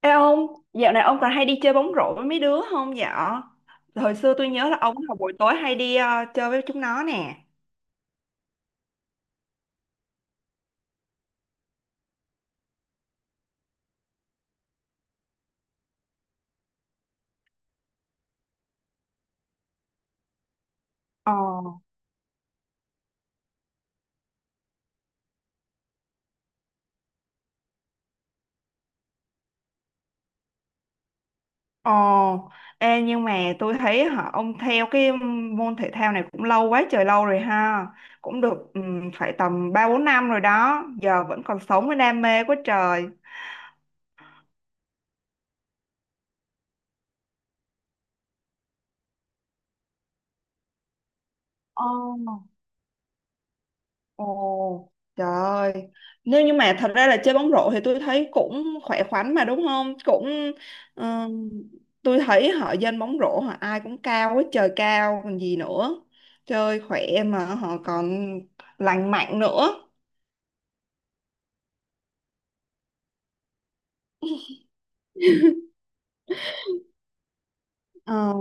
Ê ông, dạo này ông còn hay đi chơi bóng rổ với mấy đứa không dạ? Hồi xưa tôi nhớ là ông vào buổi tối hay đi chơi với chúng nó nè. Ồ, ồ, ê nhưng mà tôi thấy hả, ông theo cái môn thể thao này cũng lâu quá trời lâu rồi ha. Cũng được phải tầm 3 4 năm rồi đó, giờ vẫn còn sống với đam mê quá trời. Ồ. Ồ, trời ơi. Nếu như mà thật ra là chơi bóng rổ thì tôi thấy cũng khỏe khoắn mà đúng không? Cũng ừm, tôi thấy họ dân bóng rổ họ ai cũng cao hết trời cao còn gì nữa. Chơi khỏe mà họ còn lành mạnh nữa. Ờ,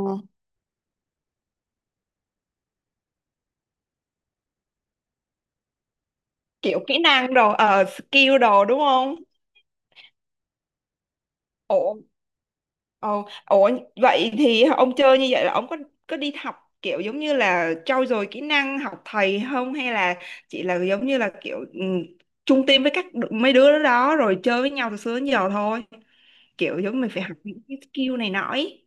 kiểu kỹ năng đồ skill đồ đúng không? Ủa, ồ, ủa, vậy thì ông chơi như vậy là ông có đi học kiểu giống như là trau dồi kỹ năng học thầy không hay là chỉ là giống như là kiểu chung team với mấy đứa đó rồi chơi với nhau từ xưa đến giờ thôi kiểu giống mình phải học những cái skill này nọ ấy.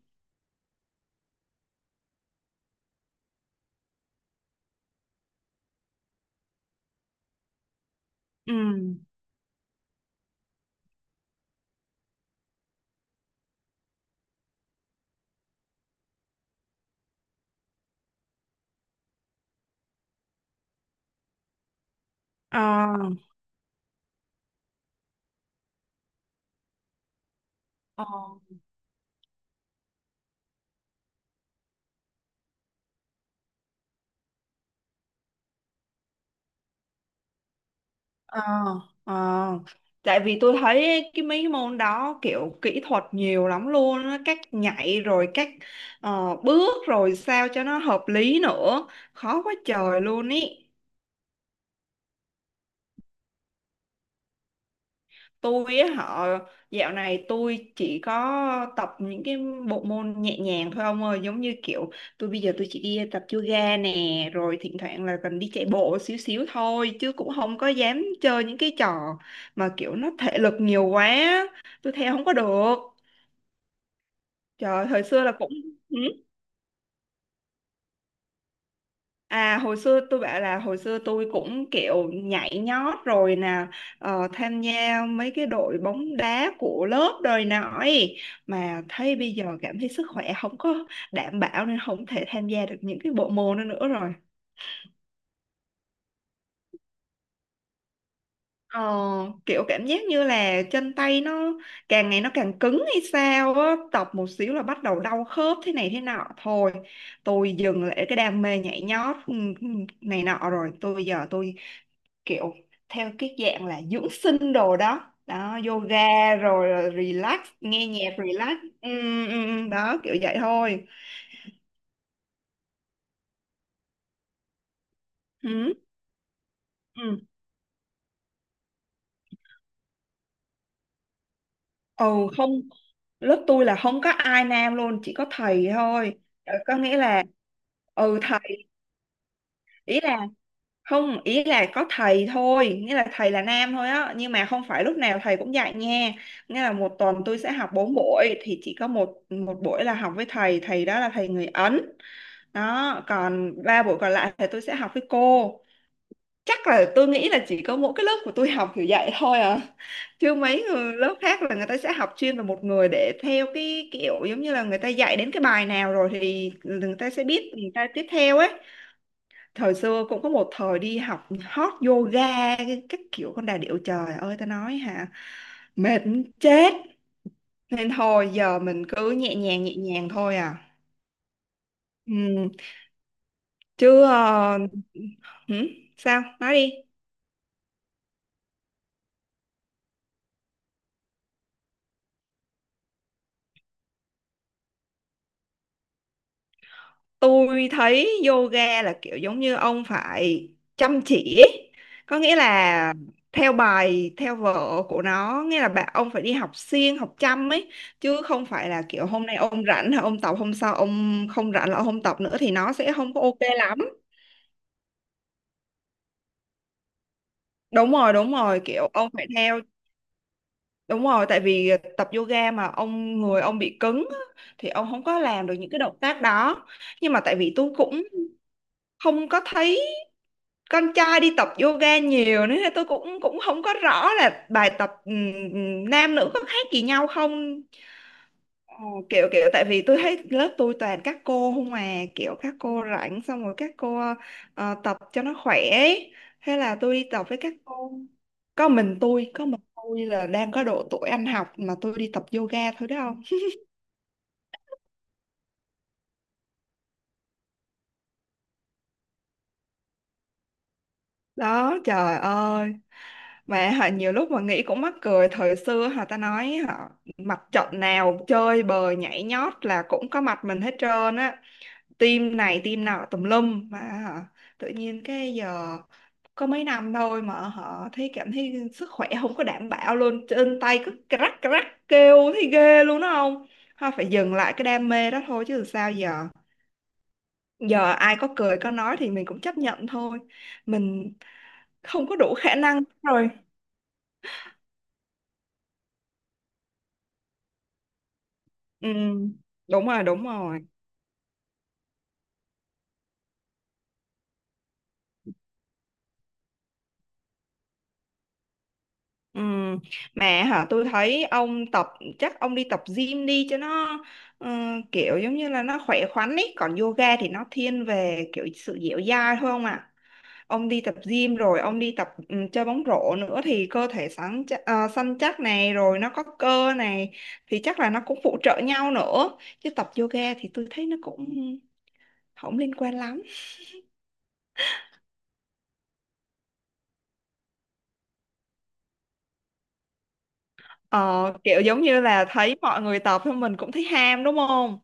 Ừ. Ờ. Ờ. Ờ, ờ. Tại vì tôi thấy cái mấy môn đó kiểu kỹ thuật nhiều lắm luôn á, cách nhảy rồi cách bước rồi sao cho nó hợp lý nữa, khó quá trời luôn ý. Tôi á họ dạo này tôi chỉ có tập những cái bộ môn nhẹ nhàng thôi ông ơi giống như kiểu tôi bây giờ tôi chỉ đi tập yoga nè rồi thỉnh thoảng là cần đi chạy bộ xíu xíu thôi chứ cũng không có dám chơi những cái trò mà kiểu nó thể lực nhiều quá tôi theo không có được. Trời thời xưa là cũng ừ, à hồi xưa tôi bảo là hồi xưa tôi cũng kiểu nhảy nhót rồi nè, tham gia mấy cái đội bóng đá của lớp đời nọ ấy. Mà thấy bây giờ cảm thấy sức khỏe không có đảm bảo nên không thể tham gia được những cái bộ môn đó nữa rồi, ờ, kiểu cảm giác như là chân tay nó càng ngày nó càng cứng hay sao á tập một xíu là bắt đầu đau khớp thế này thế nọ thôi tôi dừng lại cái đam mê nhảy nhót ừ, ừ, này nọ rồi tôi bây giờ tôi kiểu theo cái dạng là dưỡng sinh đồ đó đó yoga rồi relax nghe nhạc relax ừ, ừ, ừ, đó kiểu vậy thôi. Ừ. Ừ. Ừ, không, lớp tôi là không có ai nam luôn chỉ có thầy thôi. Ờ, có nghĩa là ừ thầy, ý là không, ý là có thầy thôi nghĩa là thầy là nam thôi á nhưng mà không phải lúc nào thầy cũng dạy nha nghĩa là một tuần tôi sẽ học 4 buổi thì chỉ có một một buổi là học với thầy thầy đó là thầy người Ấn, đó còn 3 buổi còn lại thì tôi sẽ học với cô. Chắc là tôi nghĩ là chỉ có mỗi cái lớp của tôi học kiểu vậy thôi à chứ mấy người lớp khác là người ta sẽ học chuyên về một người để theo cái kiểu giống như là người ta dạy đến cái bài nào rồi thì người ta sẽ biết người ta tiếp theo ấy. Thời xưa cũng có một thời đi học hot yoga các kiểu con đà điểu trời ơi ta nói hả mệt muốn chết nên thôi giờ mình cứ nhẹ nhàng thôi à. Ừ. Chứ hử? Sao nói đi. Tôi thấy yoga là kiểu giống như ông phải chăm chỉ có nghĩa là theo bài theo vở của nó nghĩa là bạn ông phải đi học siêng học chăm ấy chứ không phải là kiểu hôm nay ông rảnh là ông tập hôm sau ông không rảnh là ông không tập nữa thì nó sẽ không có ok lắm. Đúng rồi, đúng rồi, kiểu ông phải theo. Đúng rồi tại vì tập yoga mà ông người ông bị cứng á, thì ông không có làm được những cái động tác đó nhưng mà tại vì tôi cũng không có thấy con trai đi tập yoga nhiều nữa tôi cũng cũng không có rõ là bài tập nam nữ có khác gì nhau không. Ờ, kiểu kiểu tại vì tôi thấy lớp tôi toàn các cô không mà kiểu các cô rảnh xong rồi các cô tập cho nó khỏe ấy. Thế là tôi đi tập với các cô, có mình tôi là đang có độ tuổi ăn học mà tôi đi tập yoga thôi đó không. Đó, trời ơi. Và họ nhiều lúc mà nghĩ cũng mắc cười thời xưa họ ta nói họ mặt trận nào chơi bời nhảy nhót là cũng có mặt mình hết trơn á team này team nọ tùm lum mà họ, tự nhiên cái giờ có mấy năm thôi mà họ thấy cảm thấy sức khỏe không có đảm bảo luôn chân tay cứ crack crack kêu thấy ghê luôn đó không họ phải dừng lại cái đam mê đó thôi chứ sao giờ, giờ ai có cười có nói thì mình cũng chấp nhận thôi mình không có đủ khả năng rồi. Ừ, đúng rồi, đúng rồi. Ừ, mẹ hả tôi thấy ông tập chắc ông đi tập gym đi cho nó ờ, kiểu giống như là nó khỏe khoắn ý còn yoga thì nó thiên về kiểu sự dẻo dai thôi không ạ, ông đi tập gym rồi ông đi tập ừ, chơi bóng rổ nữa thì cơ thể sáng chắc, săn chắc này rồi nó có cơ này thì chắc là nó cũng phụ trợ nhau nữa chứ tập yoga thì tôi thấy nó cũng không liên quan lắm. Ờ, kiểu giống như là thấy mọi người tập thôi mình cũng thấy ham đúng không.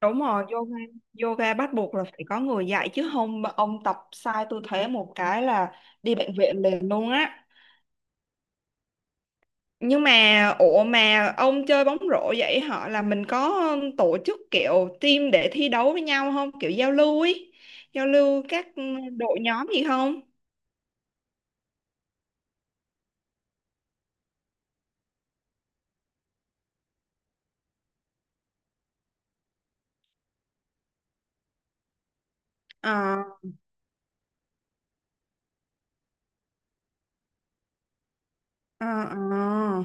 Đúng rồi, yoga, yoga bắt buộc là phải có người dạy chứ không mà ông tập sai tư thế một cái là đi bệnh viện liền luôn á. Nhưng mà ủa mà ông chơi bóng rổ vậy họ là mình có tổ chức kiểu team để thi đấu với nhau không? Kiểu giao lưu ý, giao lưu các đội nhóm gì không? Ờ, ờ, ờ.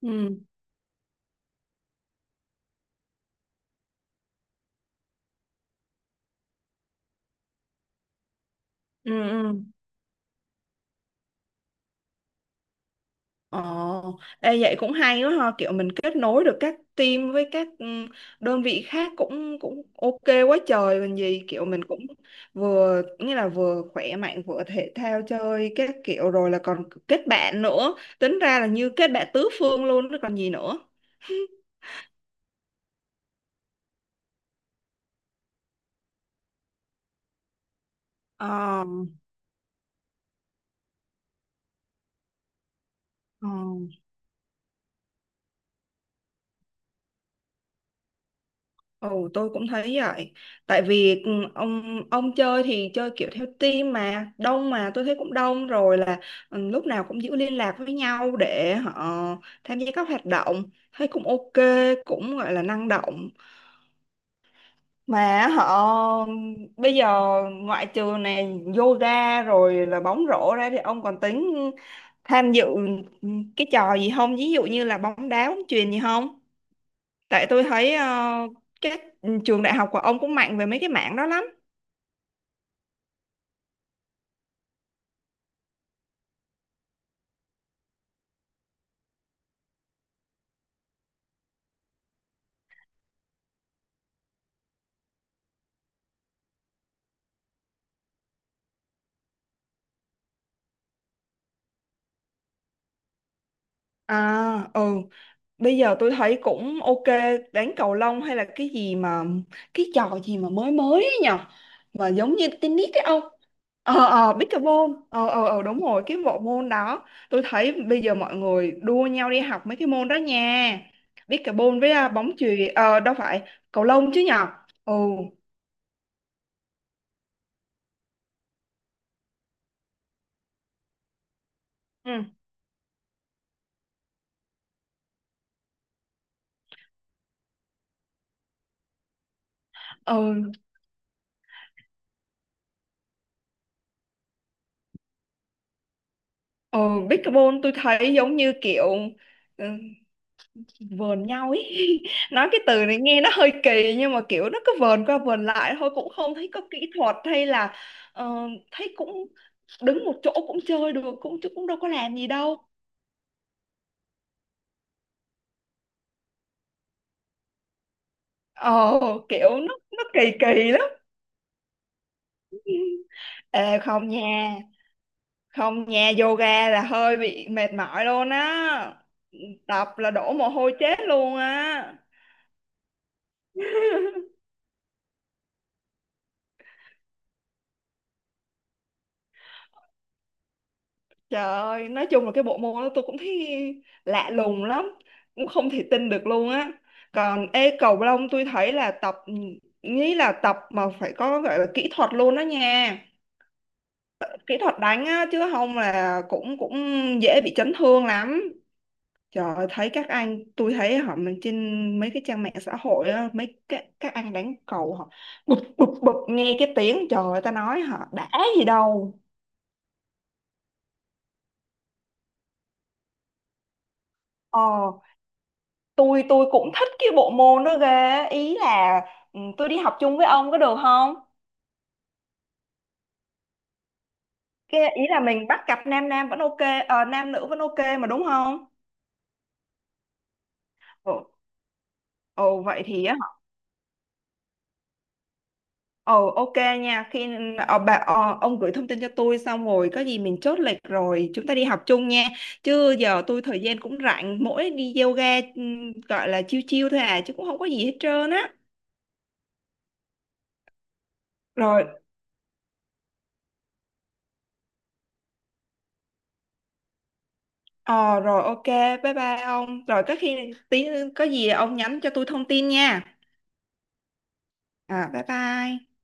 Ừ, ừ, ừ. Ồ, ê, vậy cũng hay quá ha, kiểu mình kết nối được các team với các đơn vị khác cũng cũng ok quá trời còn gì, kiểu mình cũng vừa như là vừa khỏe mạnh vừa thể thao chơi các kiểu rồi là còn kết bạn nữa, tính ra là như kết bạn tứ phương luôn chứ còn gì nữa. Ờ, ờ. Ừ, tôi cũng thấy vậy. Tại vì ừ, ông chơi thì chơi kiểu theo team mà đông mà tôi thấy cũng đông rồi là ừ, lúc nào cũng giữ liên lạc với nhau để họ tham gia các hoạt động thấy cũng ok cũng gọi là năng động mà họ bây giờ ngoại trừ này yoga rồi là bóng rổ ra thì ông còn tính tham dự cái trò gì không ví dụ như là bóng đá bóng chuyền gì không? Tại tôi thấy các trường đại học của ông cũng mạnh về mấy cái mảng đó lắm. À, ừ, bây giờ tôi thấy cũng ok đánh cầu lông hay là cái gì mà cái trò gì mà mới mới ấy nhở mà giống như tennis ấy ông. Ờ, ờ, pickleball, ờ, ờ, ờ, đúng rồi cái bộ môn đó tôi thấy bây giờ mọi người đua nhau đi học mấy cái môn đó nha pickleball với à, bóng chuyền đâu phải cầu lông chứ nhở. Ừ. Ừ. Ừ. Ừ, pickleball tôi thấy giống như kiểu ừ, vờn nhau ý. Nói cái từ này nghe nó hơi kỳ nhưng mà kiểu nó cứ vờn qua vờn lại thôi cũng không thấy có kỹ thuật hay là ờ, thấy cũng đứng một chỗ cũng chơi được cũng chứ cũng đâu có làm gì đâu. ờ Kiểu nó kỳ kỳ lắm. Ê, không nha, không nha yoga là hơi bị mệt mỏi luôn á tập là đổ mồ hôi chết luôn á. Trời ơi, nói chung là cái bộ môn đó tôi cũng thấy lạ lùng lắm, cũng không thể tin được luôn á. Còn ê cầu lông tôi thấy là tập nghĩ là tập mà phải có gọi là kỹ thuật luôn đó nha. Kỹ thuật đánh á chứ không là cũng cũng dễ bị chấn thương lắm. Trời ơi, thấy các anh tôi thấy họ mình trên mấy cái trang mạng xã hội á, mấy các anh đánh cầu họ bụp bụp bụp nghe cái tiếng trời ơi ta nói họ đã gì đâu. Ờ, tôi cũng thích cái bộ môn đó ghê ý là ừ, tôi đi học chung với ông có được không cái ý là mình bắt cặp nam nam vẫn ok, nam nữ vẫn ok mà đúng không. Ồ. Ồ, vậy thì á hả? Ồ, ok. Nha khi ông gửi thông tin cho tôi xong rồi có gì mình chốt lịch rồi chúng ta đi học chung nha chứ giờ tôi thời gian cũng rảnh mỗi đi yoga ừ, gọi là chiêu chiêu thôi à chứ cũng không có gì hết trơn á. Rồi. Ờ, rồi ok bye bye ông rồi có khi tí có gì ông nhắn cho tôi thông tin nha. À, bye bye.